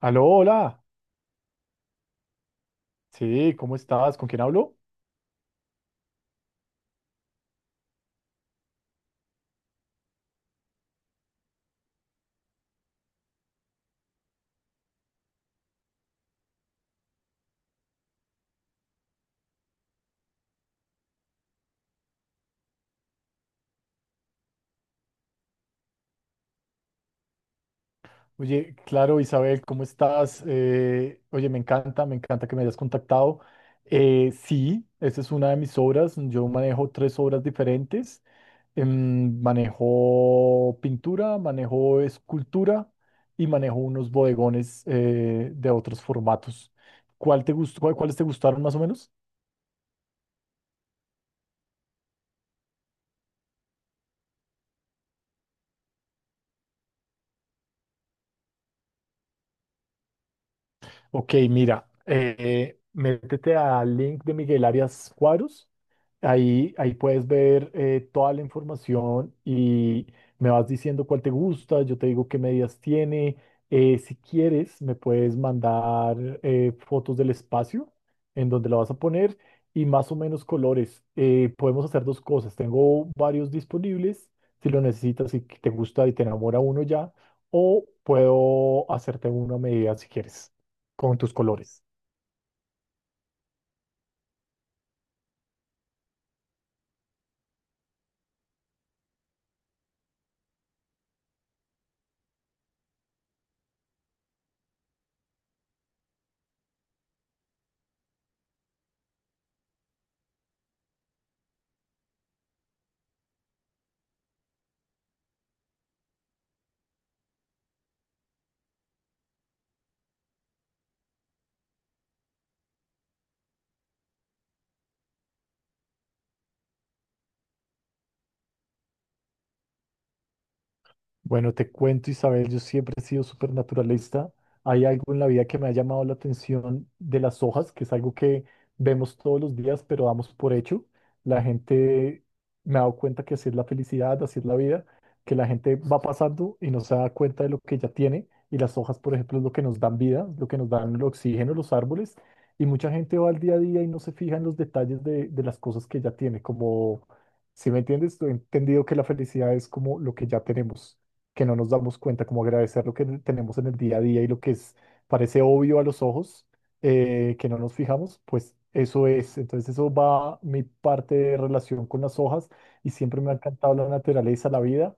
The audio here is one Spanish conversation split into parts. Aló, hola. Sí, ¿cómo estás? ¿Con quién hablo? Oye, claro, Isabel, ¿cómo estás? Oye, me encanta que me hayas contactado. Sí, esa es una de mis obras. Yo manejo tres obras diferentes. Manejo pintura, manejo escultura y manejo unos bodegones de otros formatos. ¿Cuál te gustó, cuáles te gustaron más o menos? Ok, mira, métete al link de Miguel Arias Cuadros. Ahí puedes ver toda la información y me vas diciendo cuál te gusta, yo te digo qué medidas tiene. Si quieres, me puedes mandar fotos del espacio en donde la vas a poner y más o menos colores. Podemos hacer dos cosas. Tengo varios disponibles, si lo necesitas, si te gusta y te enamora uno ya, o puedo hacerte una medida si quieres, con tus colores. Bueno, te cuento, Isabel, yo siempre he sido súper naturalista. Hay algo en la vida que me ha llamado la atención de las hojas, que es algo que vemos todos los días, pero damos por hecho. La gente me ha dado cuenta que así es la felicidad, así es la vida, que la gente va pasando y no se da cuenta de lo que ya tiene. Y las hojas, por ejemplo, es lo que nos dan vida, lo que nos dan el oxígeno, los árboles. Y mucha gente va al día a día y no se fija en los detalles de las cosas que ya tiene, como... Si me entiendes, he entendido que la felicidad es como lo que ya tenemos que no nos damos cuenta, como agradecer lo que tenemos en el día a día y lo que es, parece obvio a los ojos, que no nos fijamos, pues eso es. Entonces eso va mi parte de relación con las hojas y siempre me ha encantado la naturaleza, la vida.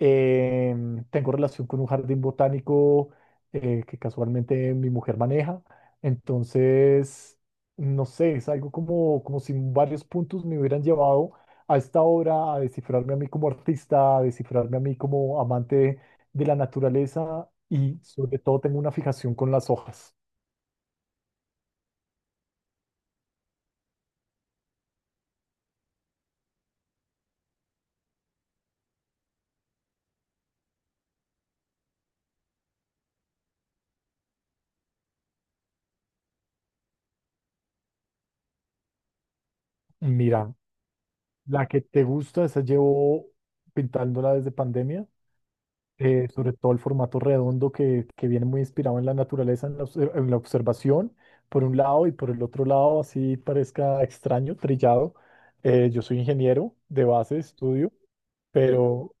Tengo relación con un jardín botánico que casualmente mi mujer maneja. Entonces, no sé, es algo como, como si varios puntos me hubieran llevado a esta obra, a descifrarme a mí como artista, a descifrarme a mí como amante de la naturaleza y sobre todo tengo una fijación con las hojas. Mira, la que te gusta, esa llevo pintándola desde pandemia, sobre todo el formato redondo que viene muy inspirado en la naturaleza, en la, en la observación, por un lado y por el otro lado, así parezca extraño, trillado. Yo soy ingeniero de base de estudio pero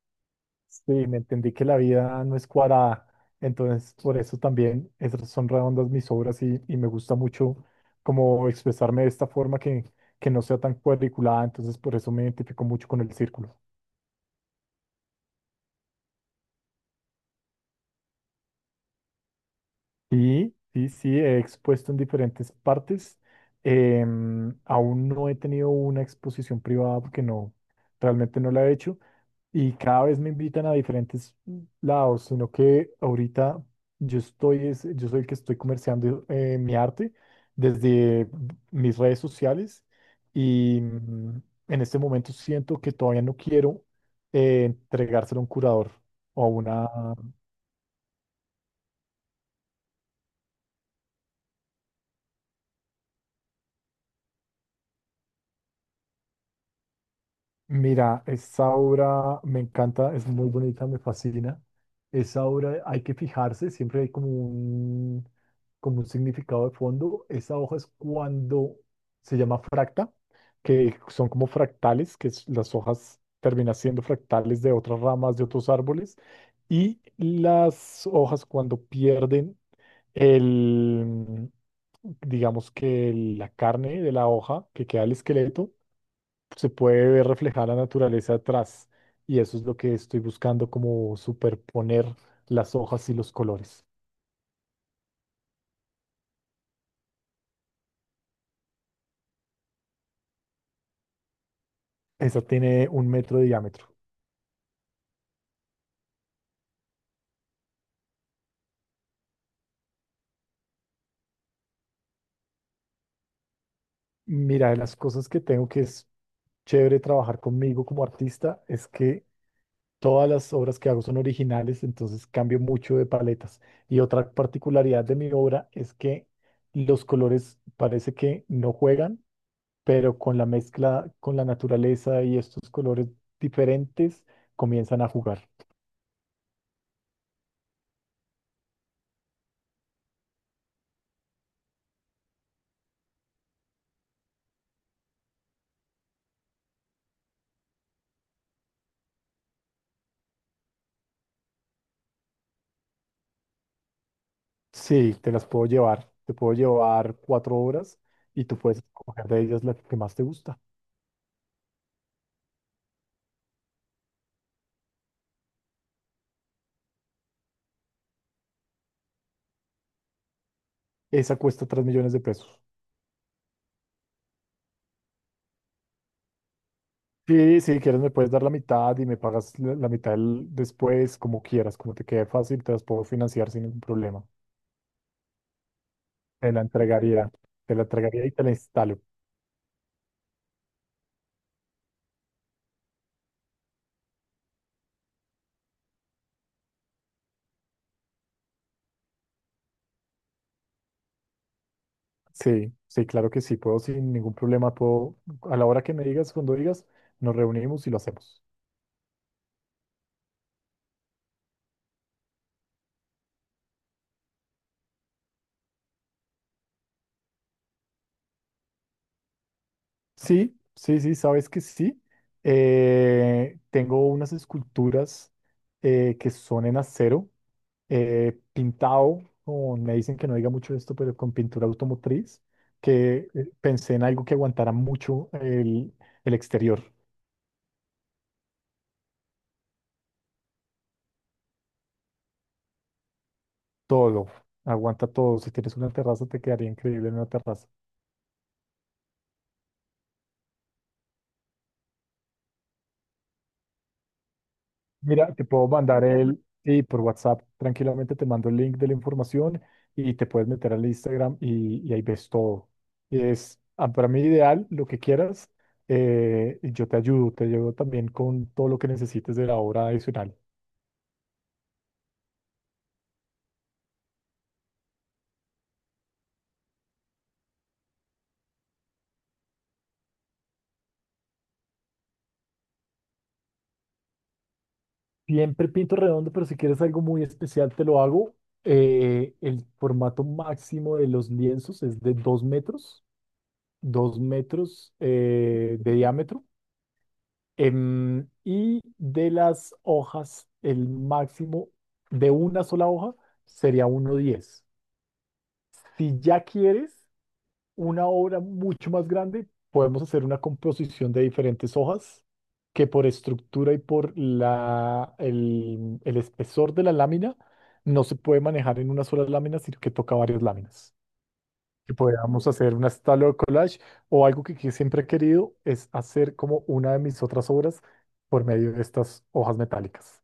sí, me entendí que la vida no es cuadrada, entonces por eso también esas son redondas mis obras y me gusta mucho como expresarme de esta forma que no sea tan cuadriculada, entonces por eso me identifico mucho con el círculo. Y sí, sí, he expuesto en diferentes partes, aún no he tenido una exposición privada porque no, realmente no la he hecho, y cada vez me invitan a diferentes lados, sino que ahorita yo estoy, yo soy el que estoy comerciando mi arte desde mis redes sociales y en este momento siento que todavía no quiero entregárselo a un curador o a una, Mira, esa obra me encanta, es muy bonita, me fascina. Esa obra hay que fijarse, siempre hay como un significado de fondo. Esa hoja es cuando se llama fracta, que son como fractales, las hojas terminan siendo fractales de otras ramas, de otros árboles. Y las hojas cuando pierden el, digamos que la carne de la hoja, que queda el esqueleto se puede ver reflejada la naturaleza atrás y eso es lo que estoy buscando como superponer las hojas y los colores. Esa tiene 1 metro de diámetro. Mira, de las cosas que tengo que es chévere trabajar conmigo como artista es que todas las obras que hago son originales, entonces cambio mucho de paletas. Y otra particularidad de mi obra es que los colores parece que no juegan, pero con la mezcla, con la naturaleza y estos colores diferentes comienzan a jugar. Sí, te las puedo llevar. Te puedo llevar cuatro obras y tú puedes escoger de ellas la que más te gusta. Esa cuesta 3 millones de pesos. Sí, si quieres me puedes dar la mitad y me pagas la, la mitad después, como quieras, como te quede fácil, te las puedo financiar sin ningún problema. Te la entregaría, te la entregaría y te la instalo. Sí, sí, claro que sí, puedo sin ningún problema, puedo, a la hora que me digas, cuando digas, nos reunimos y lo hacemos. Sí, sí, sí, sabes que sí. Tengo unas esculturas que son en acero, pintado, me dicen que no diga mucho esto, pero con pintura automotriz, que pensé en algo que aguantara mucho el exterior, todo, aguanta todo. Si tienes una terraza, te quedaría increíble en una terraza. Mira, te puedo mandar el, y por WhatsApp tranquilamente te mando el link de la información y te puedes meter al Instagram y ahí ves todo. Y es ah, para mí ideal lo que quieras y yo te ayudo también con todo lo que necesites de la obra adicional. Siempre pinto redondo, pero si quieres algo muy especial te lo hago. El formato máximo de los lienzos es de 2 metros, 2 metros de diámetro. Y de las hojas, el máximo de una sola hoja sería 1,10. Si ya quieres una obra mucho más grande, podemos hacer una composición de diferentes hojas que por estructura y por la, el espesor de la lámina no se puede manejar en una sola lámina, sino que toca varias láminas que podamos hacer una style or collage o algo que siempre he querido es hacer como una de mis otras obras por medio de estas hojas metálicas.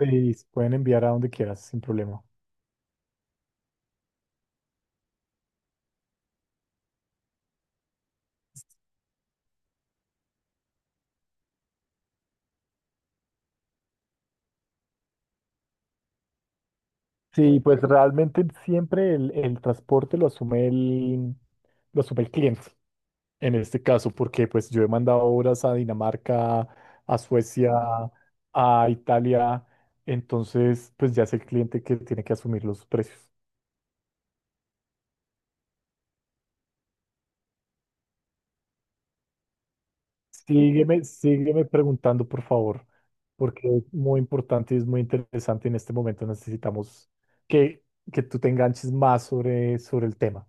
Y se pueden enviar a donde quieras sin problema. Sí, pues realmente siempre el transporte lo asume el cliente en este caso, porque pues yo he mandado obras a Dinamarca, a Suecia, a Italia, entonces pues ya es el cliente que tiene que asumir los precios. Sígueme, sígueme preguntando, por favor, porque es muy importante y es muy interesante. En este momento necesitamos que, que tú te enganches más sobre, sobre el tema.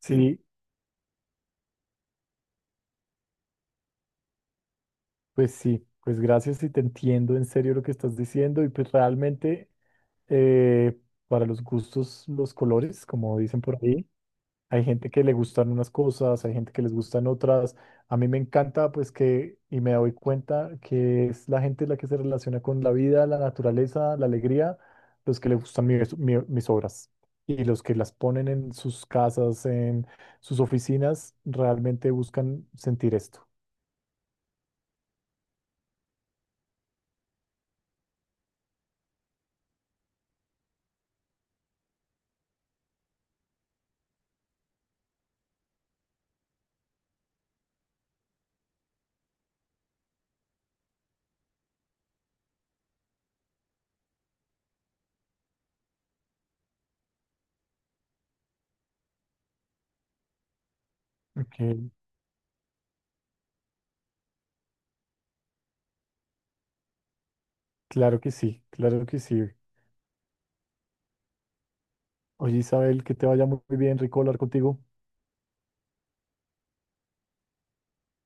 Sí, sí, pues gracias y te entiendo en serio lo que estás diciendo y pues realmente eh, para los gustos, los colores, como dicen por ahí. Hay gente que le gustan unas cosas, hay gente que les gustan otras. A mí me encanta, pues que, y me doy cuenta que es la gente la que se relaciona con la vida, la naturaleza, la alegría, los que les gustan mis obras. Y los que las ponen en sus casas, en sus oficinas, realmente buscan sentir esto. Ok, claro que sí, claro que sí. Oye, Isabel, que te vaya muy bien, rico hablar contigo.